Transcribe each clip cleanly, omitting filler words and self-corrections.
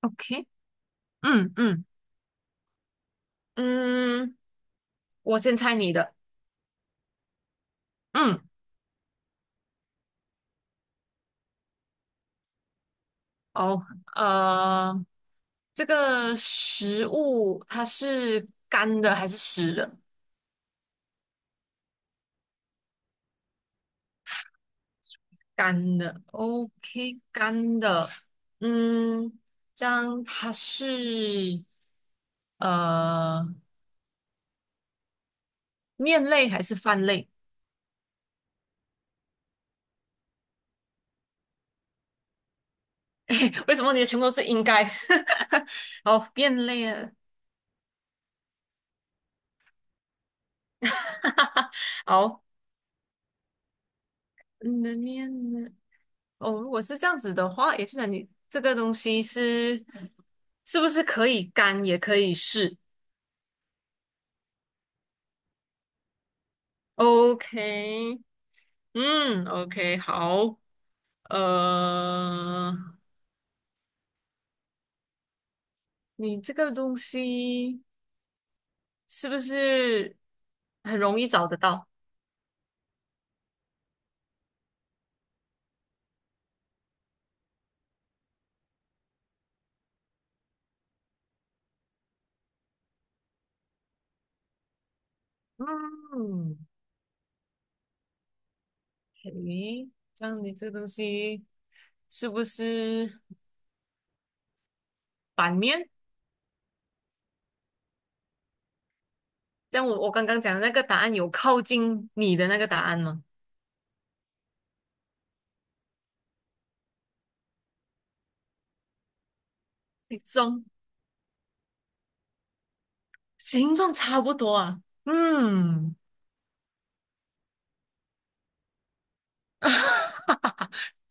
OK，嗯嗯嗯，我先猜你的。嗯，哦，呃，这个食物它是干的还是湿的？干的。OK，干的。嗯，这样它是呃面类还是饭类？为什么你的全部都是应该？好，面类啊。好，你的面，呢？哦，如果是这样子的话，也就是你这个东西是是不是可以干也可以湿？OK，嗯，OK，好，呃，你这个东西是不是很容易找得到？嗯，诶，这样你这个东西是不是版面？这样我刚刚讲的那个答案有靠近你的那个答案吗？形状形状差不多啊。嗯，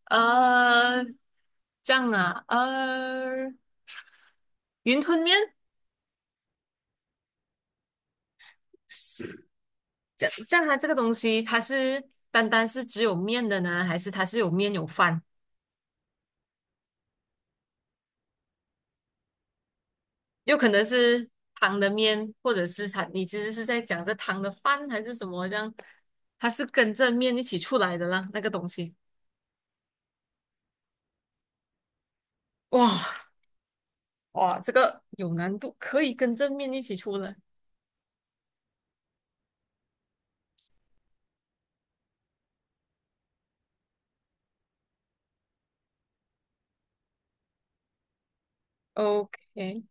呃，这样啊，呃，云吞面，这样它这个东西，它是单单是只有面的呢，还是它是有面有饭？有可能是汤的面，或者是它，你其实是在讲这汤的饭还是什么？这样，它是跟着面一起出来的啦，那个东西。哇，哇，这个有难度，可以跟着面一起出来。OK，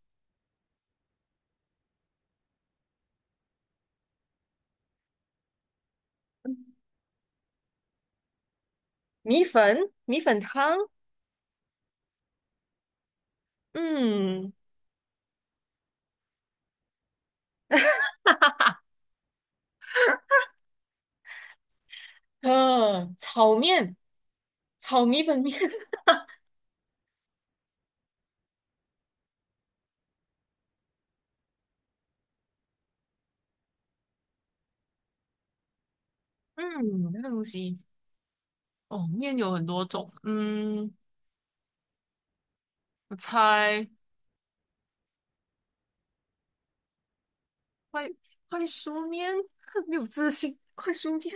米粉，米粉汤，嗯，呃，炒面。炒米粉面，嗯，那个东西哦，面有很多种，嗯，我猜快快熟面，没有自信，快熟面，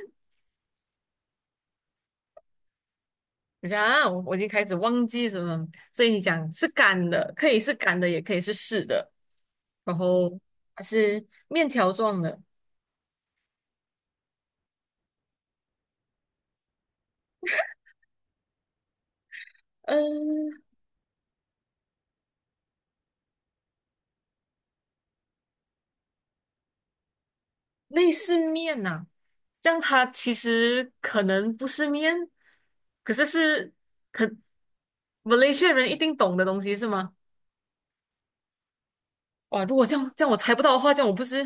等一下啊，我已经开始忘记什么，所以你讲是干的，可以是干的，也可以是湿的，然后还是面条状的，嗯，类似面呐、这样它其实可能不是面，可是是可 Malaysia 人一定懂的东西是吗？哇，如果这样我猜不到的话，这样我不是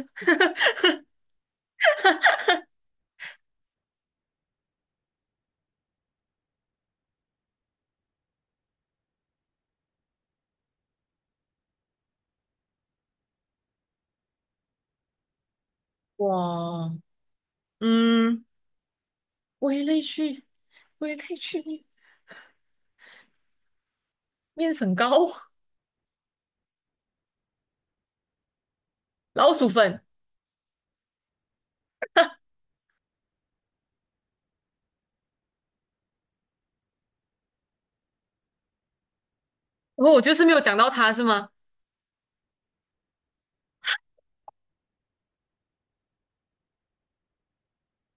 哇，嗯，微类去微类去面，面粉糕，老鼠粉。然后我就是没有讲到它是吗？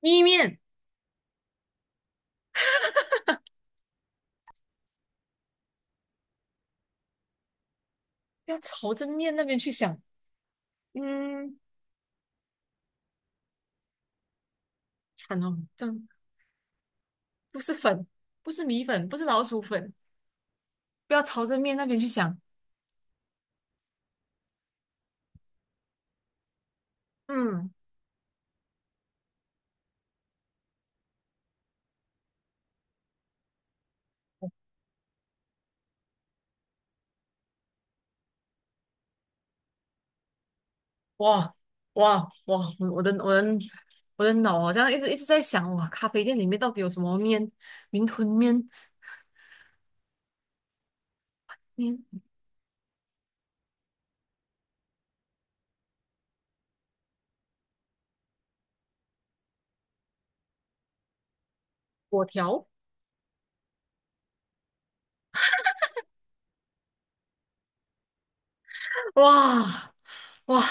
意面，不要朝着面那边去想。嗯，惨哦，这样不是粉，不是米粉，不是老鼠粉，不要朝着面那边去想。嗯，哇，哇，哇，我的我的脑好像一直在想，哇，咖啡店里面到底有什么面？云吞面、面，粿条，哇。哇，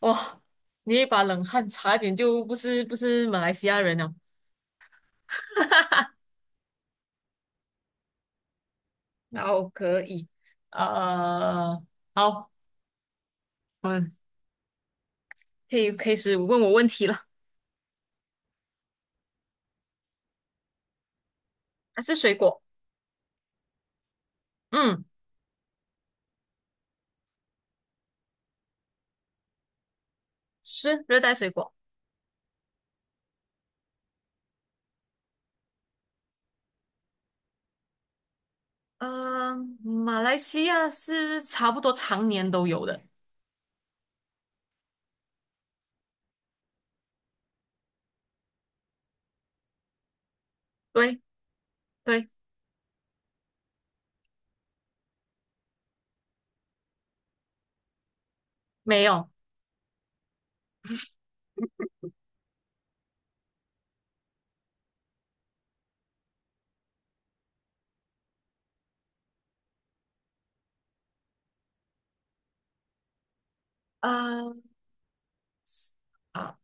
哇，你一把冷汗，差点就不是马来西亚人了。然后可以，呃，好，我们可以开始问我问题了。还是水果？嗯，是热带水果。呃，马来西亚是差不多常年都有的。对对，没有。呃啊，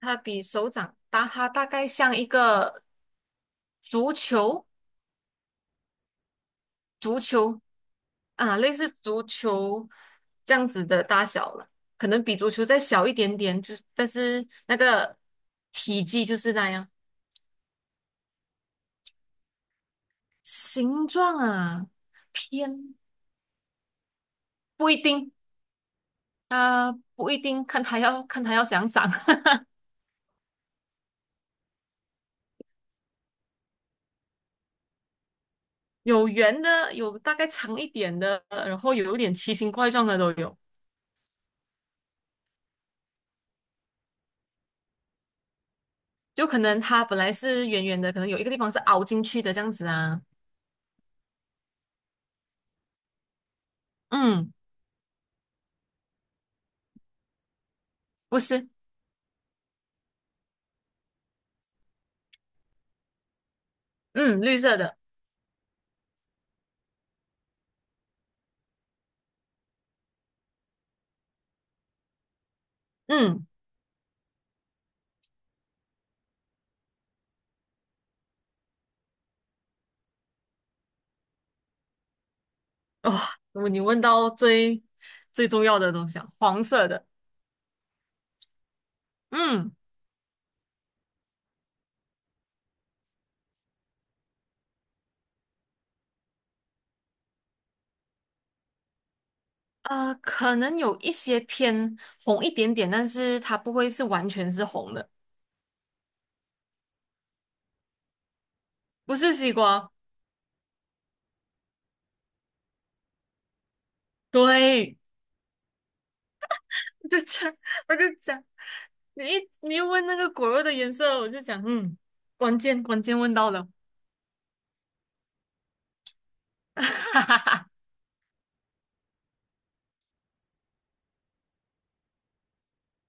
它比手掌大，它大概像一个足球，足球啊，类似足球这样子的大小了，可能比足球再小一点点，就是但是那个体积就是那样。形状啊，偏不一定，啊、不一定，看它要怎样长。有圆的，有大概长一点的，然后有一点奇形怪状的都有。就可能它本来是圆圆的，可能有一个地方是凹进去的这样子啊。嗯，不是，嗯，绿色的，嗯。哇、哦，你问到最重要的东西啊，黄色的，嗯，呃，可能有一些偏红一点点，但是它不会是完全是红的，不是西瓜。对，我就讲，我就讲，你一问那个果肉的颜色，我就讲，嗯，关键问到了，哈哈哈，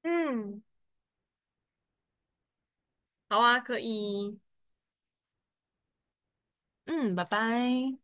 嗯，好啊，可以，嗯，拜拜。